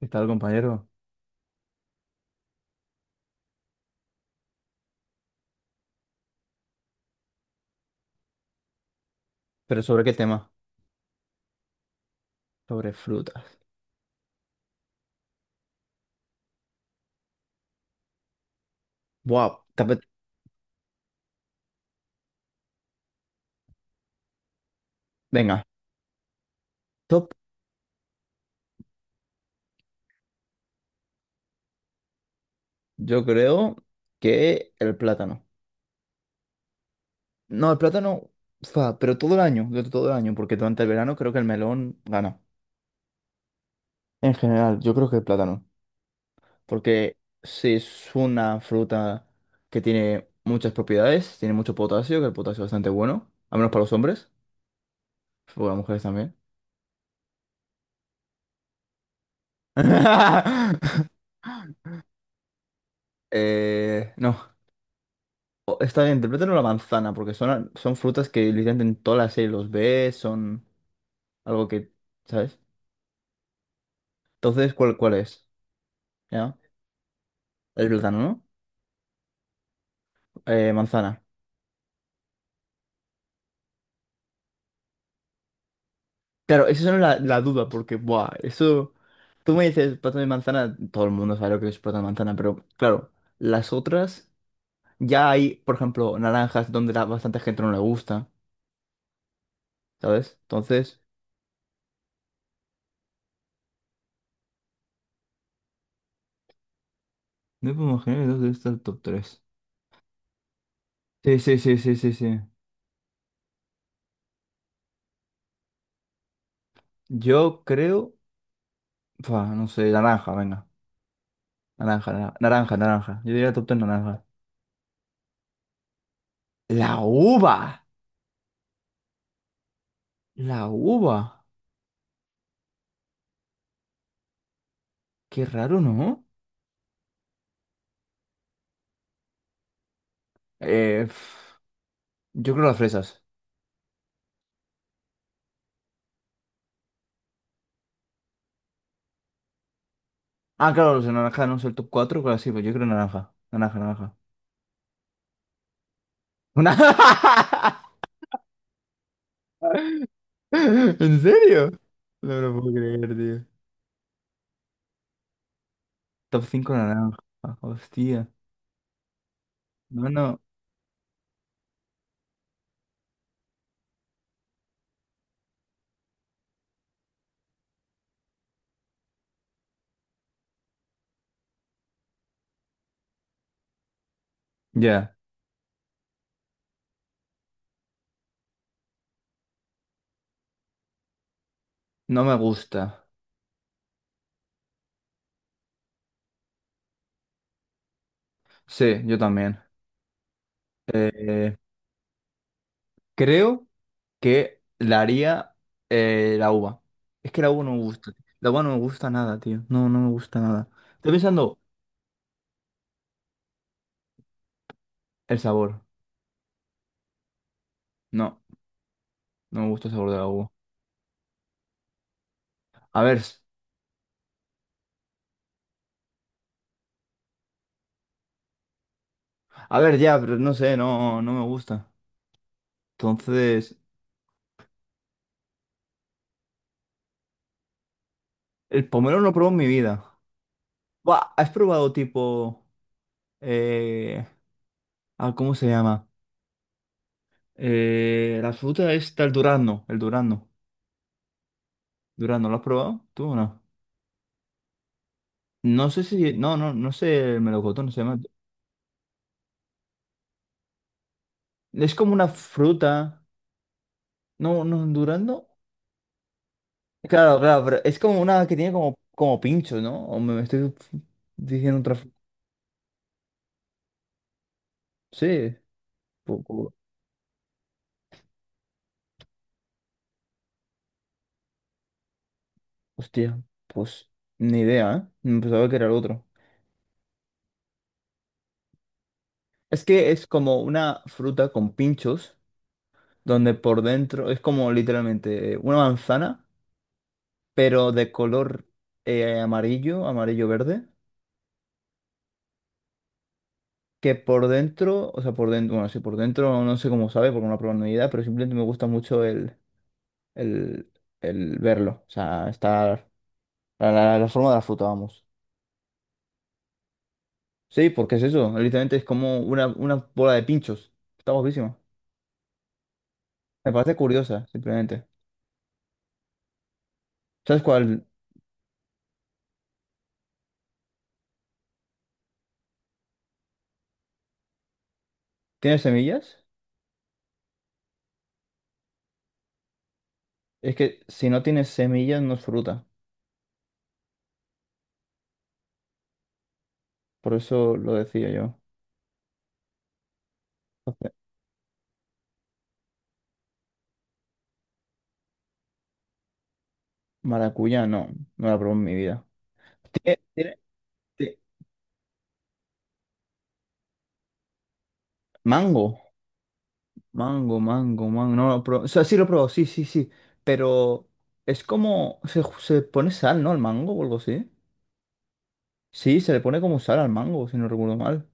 ¿Qué tal, compañero? ¿Pero sobre qué tema? Sobre frutas. Buah, te apet- Venga, top. Yo creo que el plátano. No, el plátano, fa, pero todo el año, durante todo el año, porque durante el verano creo que el melón gana. En general, yo creo que el plátano. Porque sí es una fruta que tiene muchas propiedades, tiene mucho potasio, que el potasio es bastante bueno, al menos para los hombres, para las mujeres también. No. Está bien, interprétalo la manzana, porque son frutas que literalmente en toda la serie los ves, son algo que, ¿sabes? Entonces, ¿cuál es? ¿Ya? El plátano, ¿no? Manzana. Claro, esa es la duda, porque, buah, eso. Tú me dices plátano y manzana, todo el mundo sabe lo que es plátano y manzana, pero claro, las otras, ya hay, por ejemplo, naranjas donde la, bastante gente no le gusta, ¿sabes? Entonces, ¿no puedo imaginar que dos de estas top 3? Sí, sí, sí, sí, sí, sí. Yo creo. Fua, no sé, naranja, venga. Naranja, naranja, naranja, naranja. Yo diría top 3 naranja. La uva. La uva. Qué raro, ¿no? Eh, pf, yo creo las fresas. Ah, claro, los de naranja no es el top 4 claro, sí, pues yo creo naranja. Naranja, naranja. Una- ¿En serio? No me lo puedo creer, tío. Top 5 naranja. Hostia. No, no. Ya. No me gusta. Sí, yo también. Eh, creo. Que la haría la uva. Es que la uva no me gusta. La uva no me gusta nada, tío. No, no me gusta nada. Estoy pensando el sabor. No, no me gusta el sabor de la uva. A ver, s- a ver ya, pero no sé, no, no me gusta. Entonces, el pomelo no lo probado en mi vida. Buah, ¿has probado tipo? eh, ¿Cómo se llama? La fruta está el durazno, el durazno. Durazno, ¿lo has probado? ¿Tú o no? No sé si. No, no, no sé el melocotón, se llama. Es como una fruta. No, no, Honduras no. Claro, claro, pero es como una que tiene como, como pincho, ¿no? O me estoy diciendo otra. Sí, po- po- hostia, pues ni idea, ¿eh? Me pensaba que era el otro. Es que es como una fruta con pinchos, donde por dentro es como literalmente una manzana, pero de color amarillo, amarillo-verde, que por dentro, o sea, por dentro, bueno, sí, por dentro no sé cómo sabe porque no lo he probado ni idea, pero simplemente me gusta mucho el. el, el verlo. O sea, estar la forma de la fruta, vamos. Sí, porque es eso. Literalmente es como una bola de pinchos. Está guapísima. Me parece curiosa, simplemente. ¿Sabes cuál? ¿Tiene semillas? Es que si no tiene semillas no es fruta. Por eso lo decía yo. Entonces, maracuyá, no. No la probé en mi vida. ¿Tiene, tiene- ti- ¿mango? Mango, mango, mango. No lo probé. O sea, sí lo probé, sí, sí, sí. Pero es como. Se pone sal, ¿no? El mango o algo así. Sí, se le pone como sal al mango, si no recuerdo mal.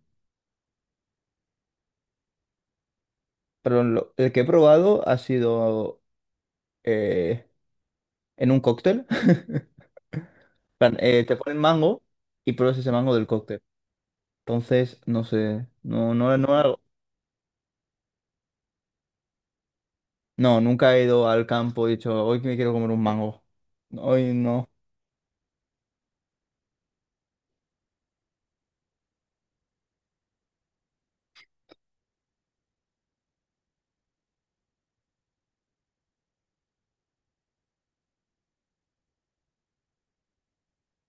Pero lo- el que he probado ha sido eh, en un cóctel. Plan, te ponen mango y pruebas ese mango del cóctel. Entonces, no sé, no, nunca he ido al campo y he dicho, hoy que me quiero comer un mango. Hoy no.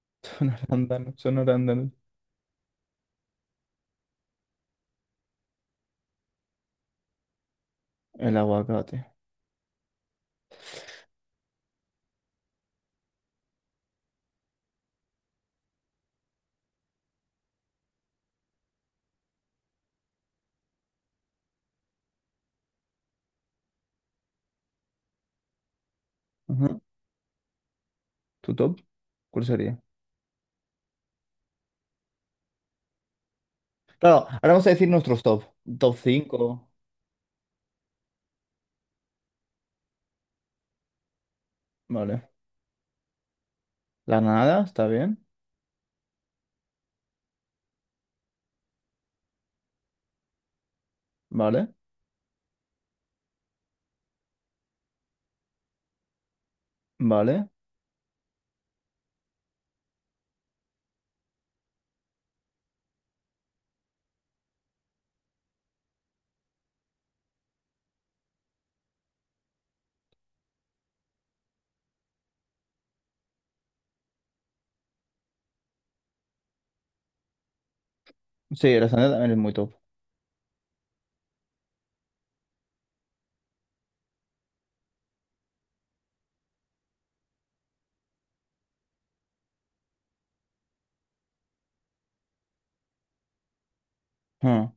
Son arándanos, son arándanos. El aguacate. Ajá. ¿Tu top? ¿Cuál sería? Claro, ahora vamos a decir nuestros top. Top cinco. Vale. La nada, está bien. Vale. Vale. Sí, la sandía también es muy top. Ah.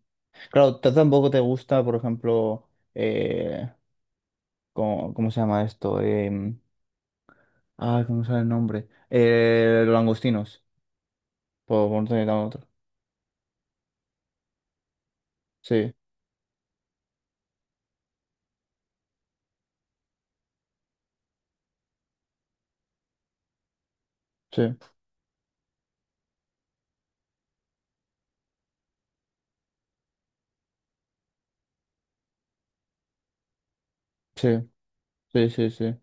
Claro, t- tampoco te gusta, por ejemplo, ¿cómo se llama esto? ¿Cómo sale el nombre? Los langostinos, por no tener nada otro. Sí, sí, sí, sí, sí, sí,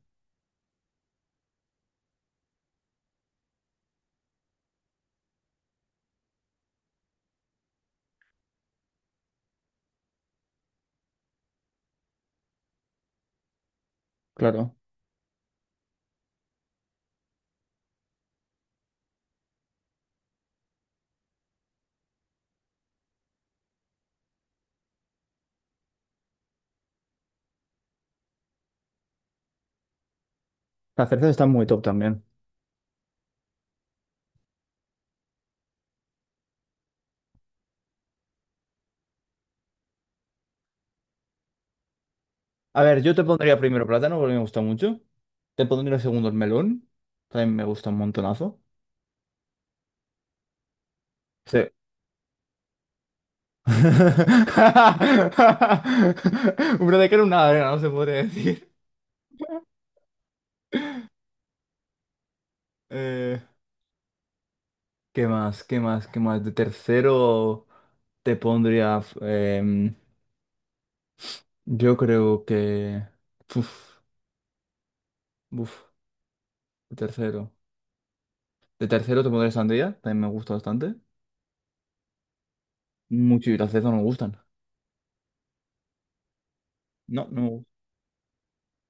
claro. Las cerezas están muy top también. A ver, yo te pondría primero plátano porque me gusta mucho. Te pondría segundo el melón, también me gusta un montonazo. Sí. Una de cal, una arena, no se podría decir. Eh, ¿Qué más? ¿Qué más? ¿Qué más? De tercero te pondría. Em, yo creo que. Uf, uf, de tercero. De tercero te pondría sandía, también me gusta bastante. Mucho y las cerezas no me gustan. No, no me gustan.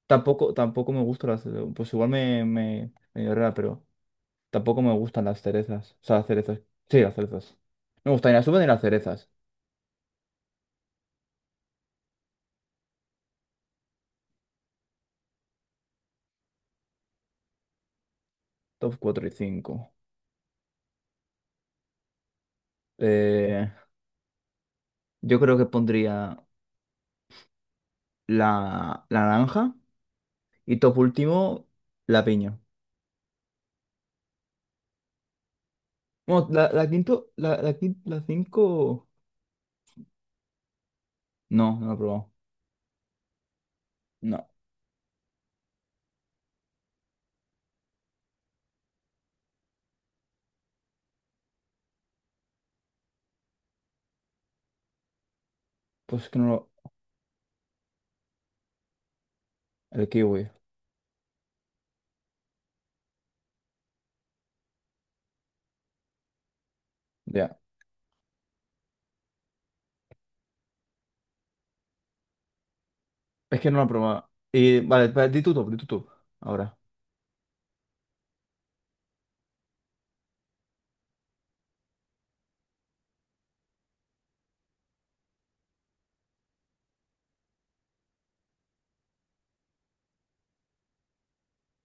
Tampoco, tampoco me gustan las. Pues igual me llorará, pero tampoco me gustan las cerezas. O sea, las cerezas. Sí, las cerezas. No me gustan ni las uvas ni las cerezas. Top 4 y 5. Yo creo que pondría la naranja. Y top último, la piña. Bueno, la quinto, la cinco. No, no la he probado. No, pues es que no lo. El kiwi. Ya. Es que no lo he probado. Y vale, di tu top, di tu top. Ahora.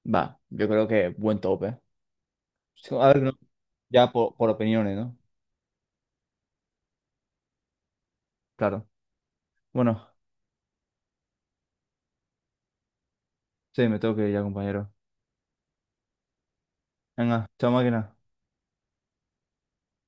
Va, yo creo que buen top, ¿eh? Sí, a ver, no, ya por opiniones, ¿no? Claro. Bueno, sí, me tengo que ir ya, compañero. Venga, chao máquina.